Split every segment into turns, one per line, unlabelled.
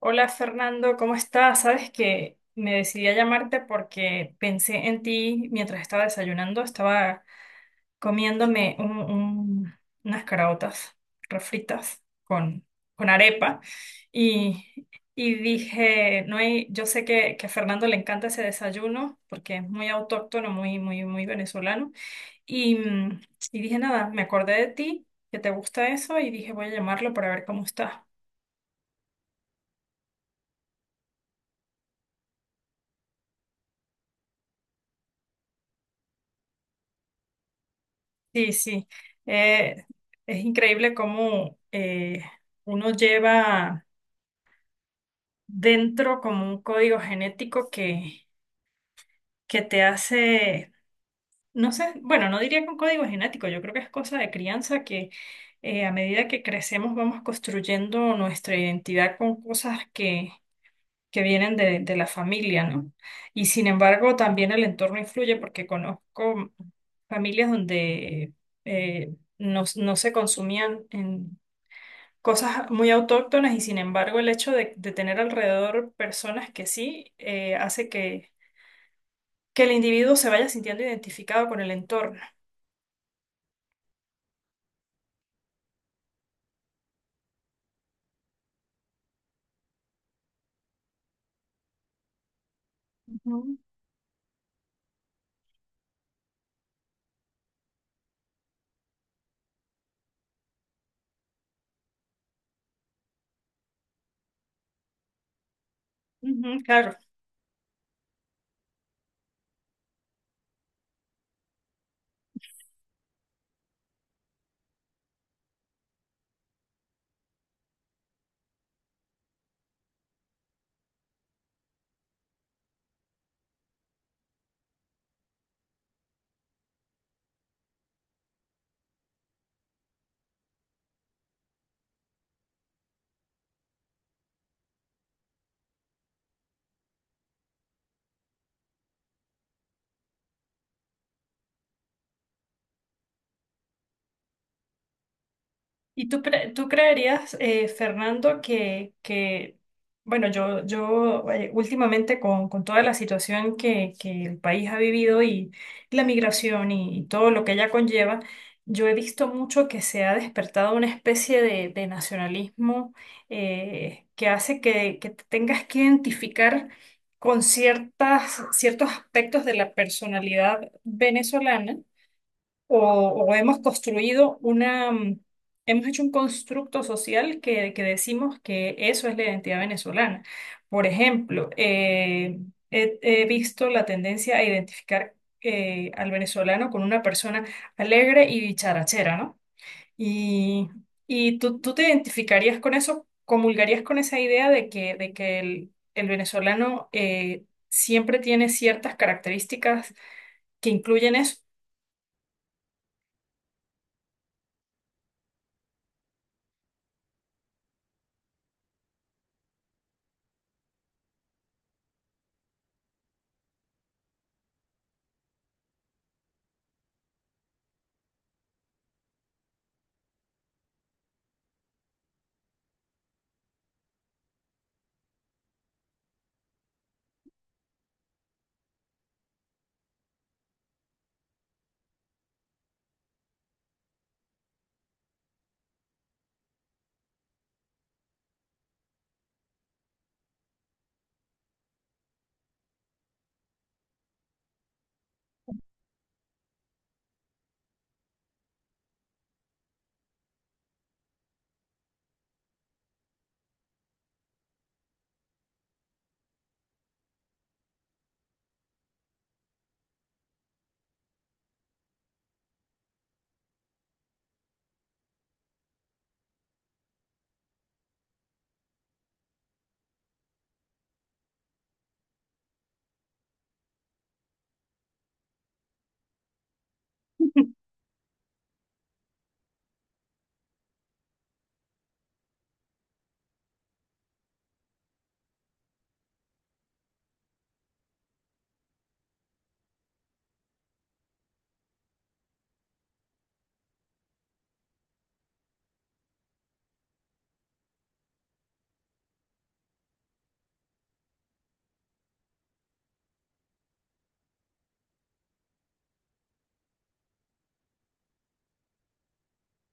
Hola Fernando, ¿cómo estás? Sabes que me decidí a llamarte porque pensé en ti mientras estaba desayunando, estaba comiéndome unas caraotas refritas con arepa y, y dije, no hay, yo sé que a Fernando le encanta ese desayuno porque es muy autóctono, muy, muy, muy venezolano y, mm, y dije, nada, me acordé de ti, que te gusta eso y dije, voy a llamarlo para ver cómo estás. Sí, sí. Eh, es increíble cómo uno lleva dentro como un código genético que te hace, no sé, bueno, no diría que un código genético, yo creo que es cosa de crianza que a medida que crecemos vamos construyendo nuestra identidad con cosas que vienen de la familia, ¿no? Y sin embargo, también el entorno influye porque conozco familias donde no se consumían en cosas muy autóctonas y sin embargo el hecho de tener alrededor personas que sí hace que el individuo se vaya sintiendo identificado con el entorno. Ujú. Ujú, claro. ¿Y tú, tú creerías, Fernando, bueno, yo últimamente con toda la situación que el país ha vivido y la migración y todo lo que ella conlleva, yo he visto mucho que se ha despertado una especie de nacionalismo que hace que te tengas que identificar con ciertos aspectos de la personalidad venezolana o hemos construido una, hemos hecho un constructo social que decimos que eso es la identidad venezolana. Por ejemplo, he visto la tendencia a identificar al venezolano con una persona alegre y bicharachera, ¿no? Y, y tú, tú te identificarías con eso, comulgarías con esa idea de que el venezolano siempre tiene ciertas características que incluyen eso.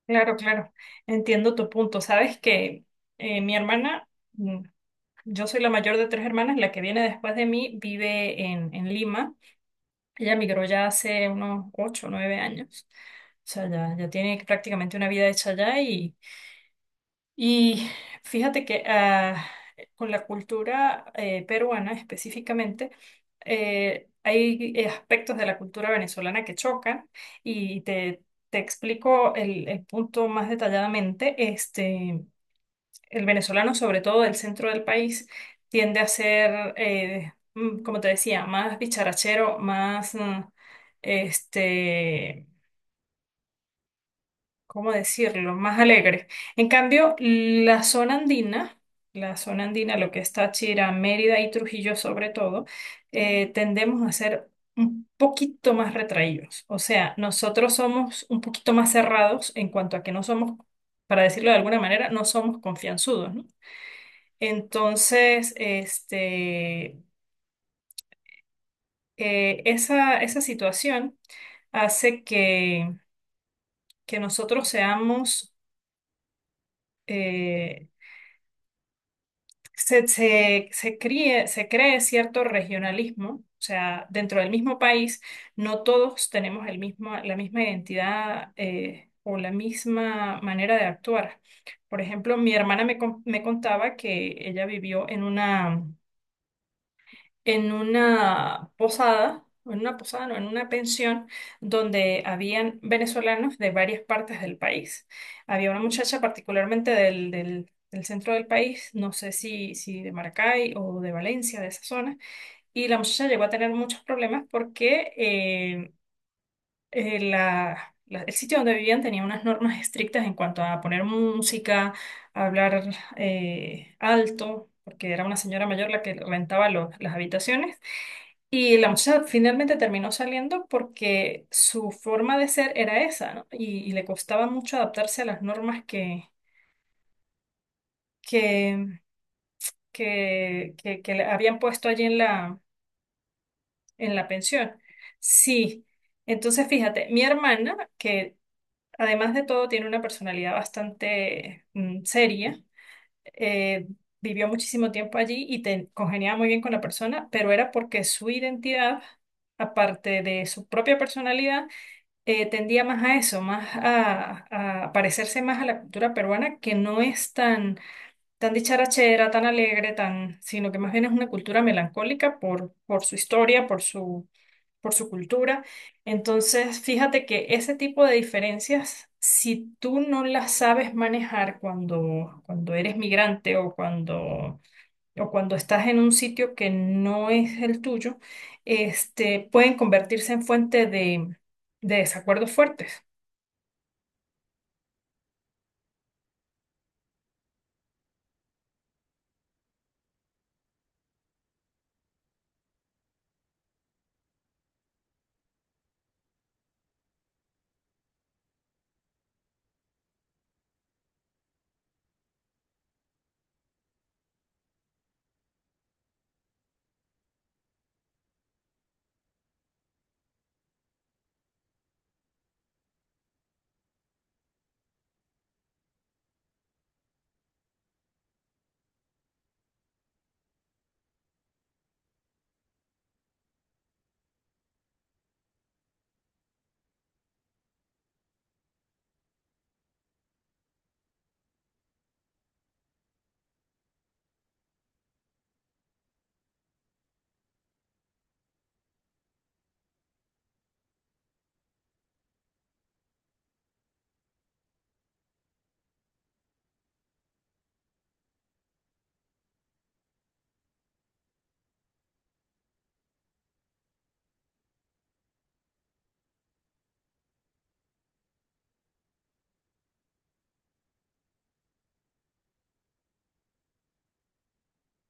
Claro, claro, entiendo tu punto. Sabes que mi hermana, mm, yo soy la mayor de tres hermanas, la que viene después de mí vive en Lima. Ella migró ya hace unos 8 o 9 años. O sea, ya, ya tiene prácticamente una vida hecha allá y fíjate que con la cultura peruana específicamente, hay aspectos de la cultura venezolana que chocan y te explico el punto más detalladamente. Este, el venezolano, sobre todo del centro del país, tiende a ser, como te decía, más bicharachero, más... Este, ¿cómo decirlo?, más alegre. En cambio, la zona andina, lo que es Táchira, Mérida y Trujillo sobre todo, tendemos a ser un poquito más retraídos. O sea, nosotros somos un poquito más cerrados en cuanto a que no somos, para decirlo de alguna manera, no somos confianzudos, ¿no? Entonces, este, esa, esa situación hace que nosotros seamos... eh, se se cree cierto regionalismo, o sea, dentro del mismo país, no todos tenemos el mismo, la misma identidad o la misma manera de actuar. Por ejemplo, mi hermana me, me contaba que ella vivió en una posada, en una posada, no, en una pensión donde habían venezolanos de varias partes del país. Había una muchacha particularmente del, del centro del país, no sé si, si de Maracay o de Valencia, de esa zona, y la muchacha llegó a tener muchos problemas porque el sitio donde vivían tenía unas normas estrictas en cuanto a poner música, a hablar alto, porque era una señora mayor la que rentaba las habitaciones y la muchacha finalmente terminó saliendo porque su forma de ser era esa, ¿no? Y le costaba mucho adaptarse a las normas que, que le habían puesto allí en la pensión. Sí, entonces fíjate, mi hermana, que además de todo tiene una personalidad bastante seria, eh, vivió muchísimo tiempo allí y te, congeniaba muy bien con la persona, pero era porque su identidad, aparte de su propia personalidad, tendía más a eso, más a parecerse más a la cultura peruana, que no es tan, tan dicharachera, tan alegre, tan, sino que más bien es una cultura melancólica por su historia, por su cultura. Entonces, fíjate que ese tipo de diferencias, si tú no las sabes manejar cuando, cuando eres migrante o cuando estás en un sitio que no es el tuyo, este, pueden convertirse en fuente de desacuerdos fuertes.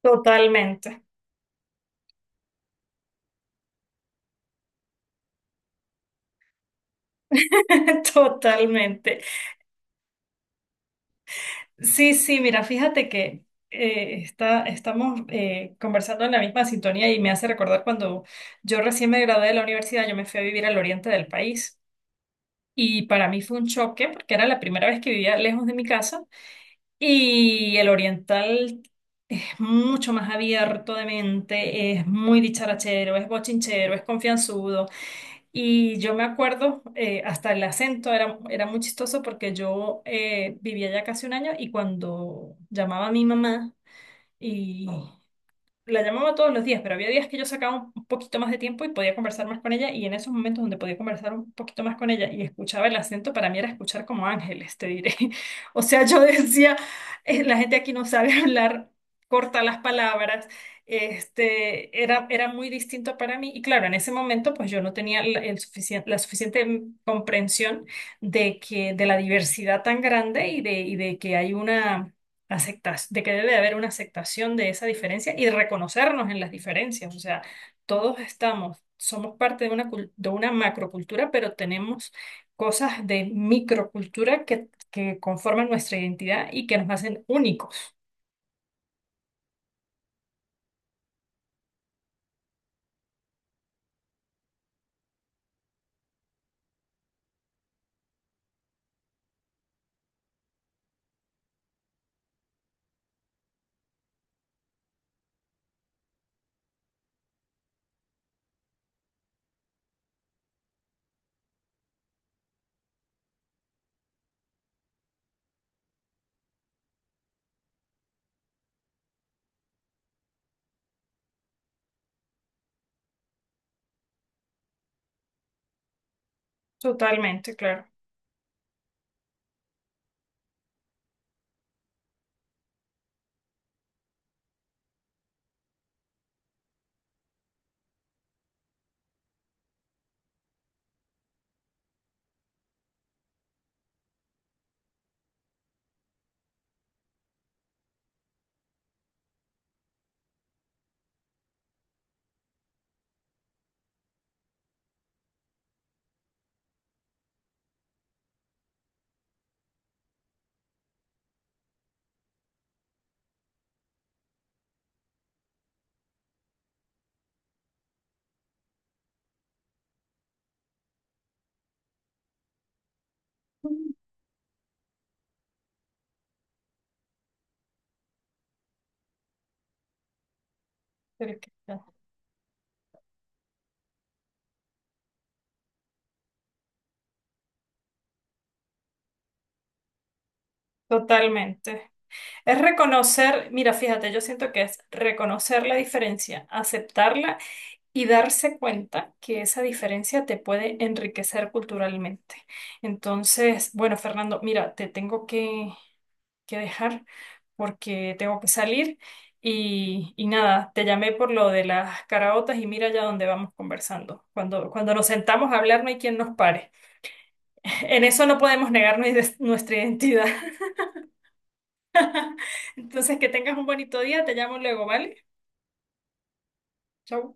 Totalmente, totalmente. Sí, sí, mira, fíjate que estamos conversando en la misma sintonía y me hace recordar cuando yo recién me gradué de la universidad, yo me fui a vivir al oriente del país y para mí fue un choque porque era la primera vez que vivía lejos de mi casa y el oriental es mucho más abierto de mente, es muy dicharachero, es bochinchero, es confianzudo. Y yo me acuerdo, hasta el acento era, era muy chistoso porque yo vivía ya casi un año y cuando llamaba a mi mamá y, la llamaba todos los días, pero había días que yo sacaba un poquito más de tiempo y podía conversar más con ella, y en esos momentos donde podía conversar un poquito más con ella y escuchaba el acento, para mí era escuchar como ángeles, te diré. O sea, yo decía, La gente aquí no sabe hablar, corta las palabras." Este, era, era muy distinto para mí y claro, en ese momento pues yo no tenía la, el la suficiente comprensión de que de la diversidad tan grande y de que hay una de que debe de haber una aceptación de esa diferencia y reconocernos en las diferencias. O sea, todos estamos, somos parte de una, de una macrocultura, pero tenemos cosas de microcultura que conforman nuestra identidad y que nos hacen únicos. Totalmente, claro. Pero Totalmente. Es reconocer, mira, fíjate, yo siento que es reconocer la diferencia, aceptarla y darse cuenta que esa diferencia te puede enriquecer culturalmente. Entonces, bueno, Fernando, mira, te tengo que dejar porque tengo que salir y nada, te llamé por lo de las caraotas y mira ya dónde vamos conversando. Cuando, cuando nos sentamos a hablar no hay quien nos pare. En eso no podemos negar nuestra identidad. Entonces, que tengas un bonito día, te llamo luego, ¿vale? Chau.